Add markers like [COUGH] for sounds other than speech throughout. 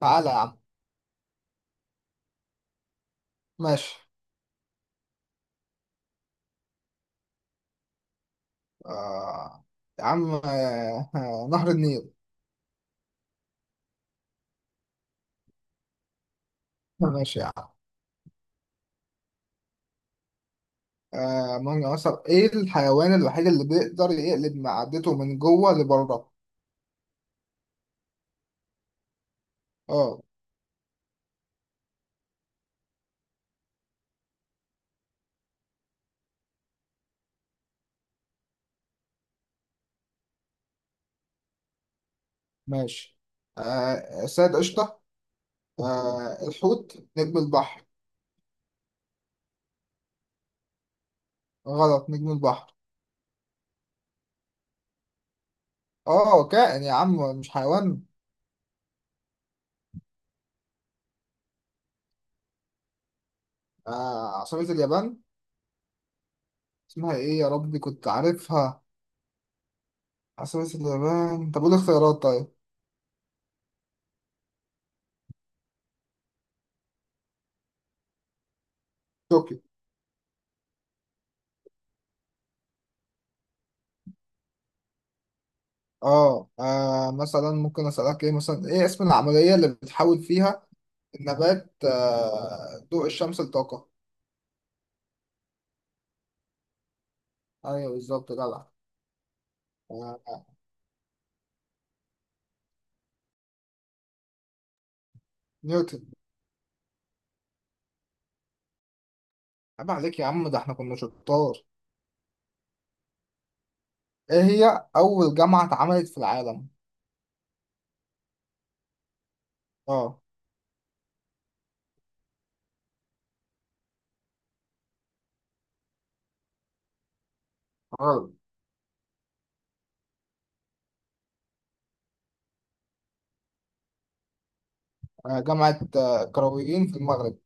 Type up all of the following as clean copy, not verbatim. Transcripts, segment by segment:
تعالى يا عم. ماشي. آه. يا عم، نهر النيل. ماشي يا عم. مانجا، مثلا ايه الحيوان الوحيد اللي بيقدر يقلب معدته من جوه لبره؟ اه. ماشي. سيد قشطة. الحوت، نجم البحر. غلط، نجم البحر. اه، كائن يا عم مش حيوان. عصافير اليابان. اسمها ايه يا ربي؟ كنت عارفها. عصافير اليابان. طب قول اختيارات، طيب. طوكيو. اه، مثلا ممكن اسالك ايه؟ مثلا ايه اسم العمليه اللي بتحول فيها النبات ضوء الشمس لطاقه؟ ايوه، بالظبط، جدع. آه، نيوتن. عيب عليك يا عم، ده احنا كنا شطار. ايه هي اول جامعه اتعملت في العالم؟ اه. غلط. جامعه قرويين في المغرب.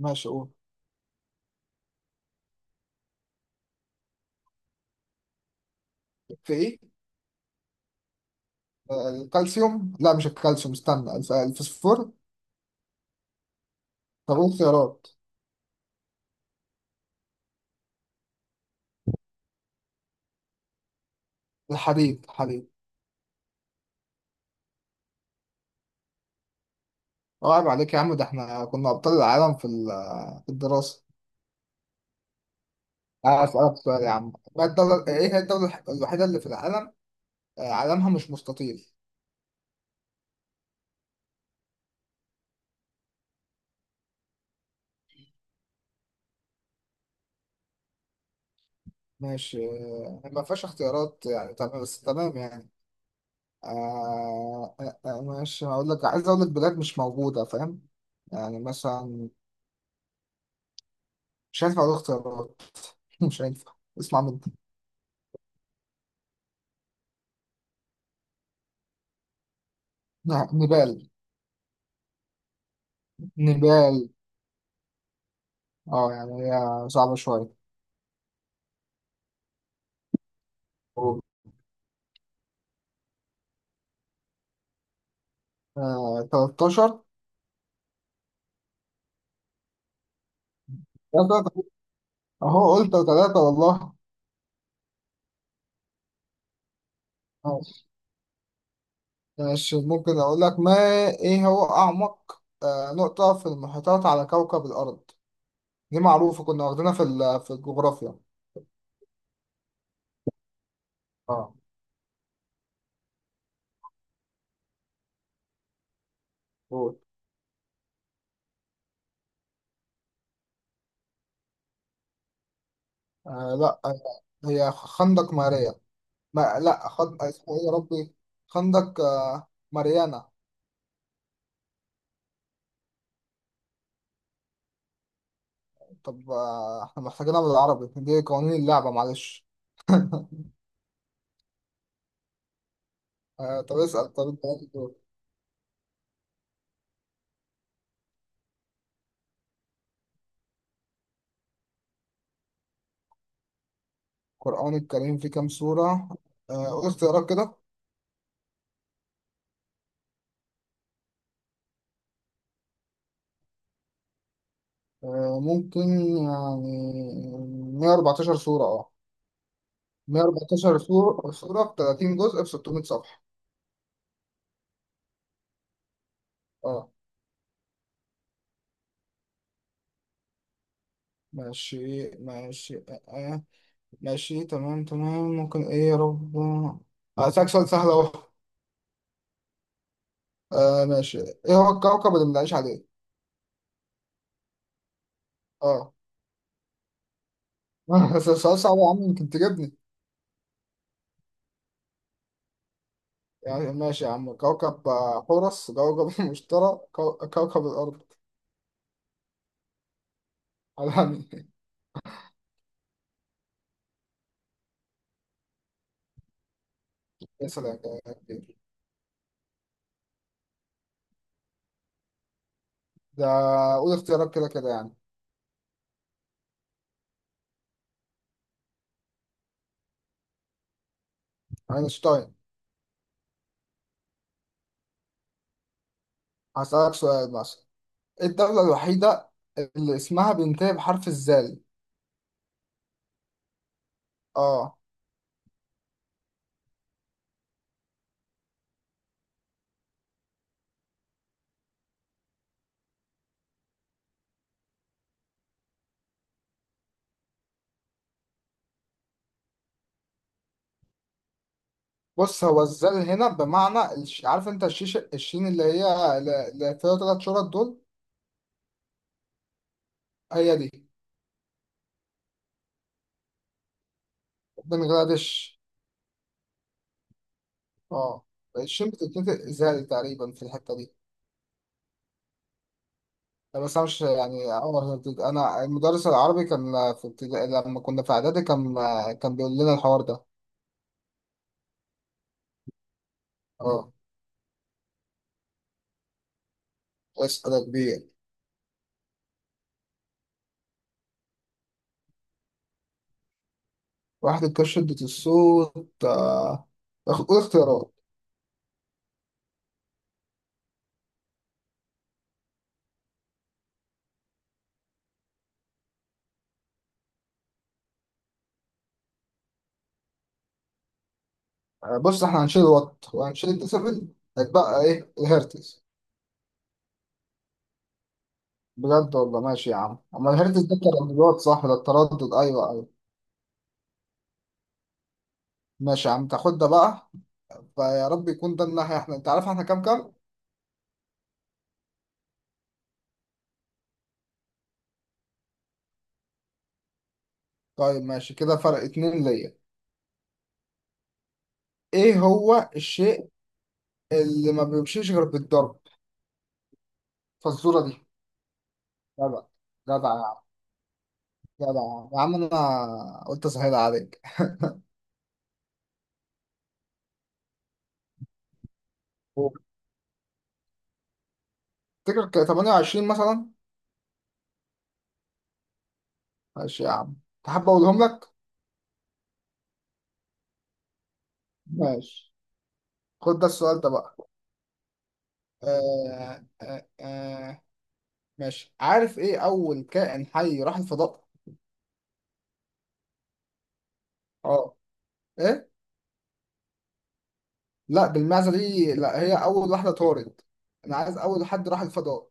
ماشي، قول. في ايه؟ الكالسيوم. لا، مش الكالسيوم، استنى، الفوسفور. طب قول خيارات. الحديد، الحديد. اه، عيب عليك يا عم، ده احنا كنا ابطال العالم في الدراسه. أسألك سؤال يا عم. ما الدولة، إيه هي الدولة الوحيدة اللي في العالم علمها مش مستطيل؟ ماشي، ما فيهاش اختيارات يعني، تمام، بس تمام يعني. ماشي، هقول لك، عايز أقول لك بلاد مش موجودة، فاهم؟ يعني مثلا. مش هينفع أقول اختيارات. [LAUGHS] مش هينفع. اسمع مني. نعم، نيبال. نيبال. اه، يعني هي صعبة شوية. 13. أهو قلت ثلاثة والله. آه، ماشي، ممكن أقول لك. ما إيه هو أعمق نقطة في المحيطات على كوكب الأرض؟ دي معروفة، كنا واخدينها في الجغرافيا. اه، قول. لا، هي خندق ماريا. ما لا اسمه إيه يا ربي؟ خندق ماريانا. طب، إحنا محتاجينها بالعربي، دي قوانين اللعبة، معلش. طب اسأل، طب أنت عايز إيه؟ القرآن الكريم فيه كام سورة؟ قول اختيارات كده. ممكن، يعني، 114 سورة. 114 صورة في 30 جزء في 600 صفحة. اه، ماشي ماشي آه. ماشي، تمام تمام. ممكن ايه يا رب؟ هسألك سؤال سهل اهو. ماشي، ايه هو الكوكب اللي بنعيش عليه؟ اه. [LAUGHS] بس السؤال صعب يا عم، يمكن تجيبني. يعني، ماشي يا عم، كوكب حورس، كوكب [LAUGHS] المشتري، كوكب الأرض. علامي. [LAUGHS] يا سلام. ده قول اختيارات كده كده يعني. أينشتاين. هسألك سؤال مثلا. الدولة الوحيدة اللي اسمها بينتهي بحرف الزال. اه. بص، هو الزال هنا بمعنى عارف انت الشيش، الشين اللي هي اللي فيها تلات شرط دول. هي دي. بنغلاديش. اه. الشين بتتنطق زال تقريبا في الحتة دي. لا، بس انا مش يعني انا المدرس العربي كان في ابتدائي، لما كنا في اعدادي كان. كان بيقول لنا الحوار ده. اه. اسأل يا كبير. واحد الكشف شدة الصوت. قول اختيارات. بص، احنا هنشيل الوات وهنشيل الديسيبل. هيتبقى ايه؟ الهرتز. بجد والله. ماشي يا عم، اما الهرتز ده كان الوات، صح ده التردد، ايوه ايوه. ماشي يا عم، تاخد ده بقى. فيا رب يكون ده الناحية. احنا انت عارف احنا كام كام. طيب ماشي، كده فرق اتنين ليا. ايه هو الشيء اللي ما بيمشيش غير بالضرب فالزورة دي؟ جدع. جدع يا عم. جدع. يا عم انا قلت اسهل عليك. تفتكر 28 مثلا. ماشي يا عم. تحب اقولهم لك؟ ماشي. خد ده السؤال ده بقى. آه آه آه ماشي، عارف ايه اول كائن حي راح الفضاء؟ اه. ايه؟ لا بالمعزه دي، لا هي اول واحده طارت. انا عايز اول حد راح الفضاء.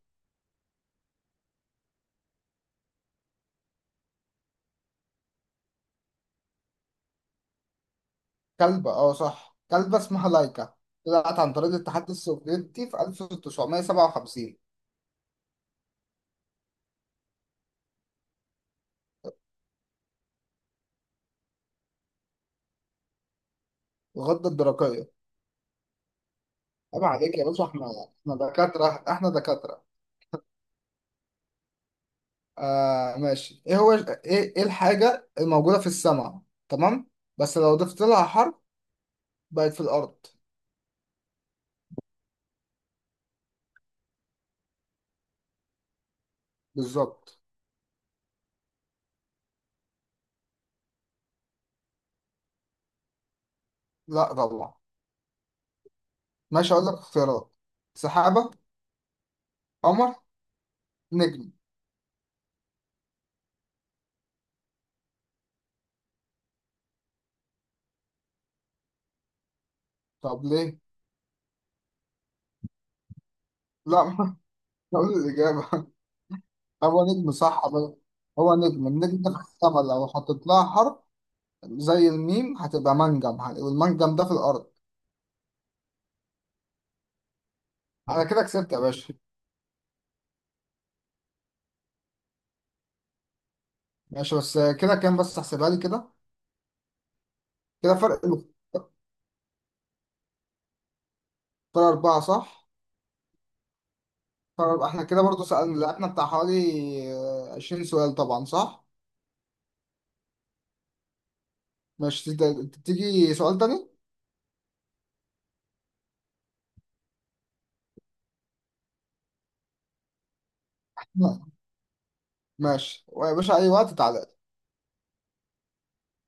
كلبه، اه صح، كلبه اسمها لايكا. طلعت عن طريق الاتحاد السوفيتي في 1957. الغده الدرقيه. عيب عليك يا باشا، احنا، احنا دكاتره، احنا دكاتره. ماشي، ايه هو ايه، ايه الحاجه الموجوده في السماء، تمام، بس لو ضفت لها حرف بقت في الارض؟ بالظبط. لا طبعا. ماشي، اقول لك اختيارات. سحابة، قمر، نجم. طب ليه؟ لا، ما. [LAUGHS] اقول الإجابة. هو نجم، صح أبدا. هو نجم، النجم ده في السما، لو حطيت لها حرف زي الميم هتبقى منجم، والمنجم ده في الأرض. أنا كده كسبت يا باشا. ماشي، بس كده كام؟ بس احسبها لي كده. كده فرق. فرق أربعة صح؟ فرق أربعة. إحنا كده برضو سألنا لعبنا بتاع حوالي 20 سؤال طبعا صح؟ ماشي، تيجي سؤال تاني؟ لا. ماشي، ويا باشا أي وقت تعالى.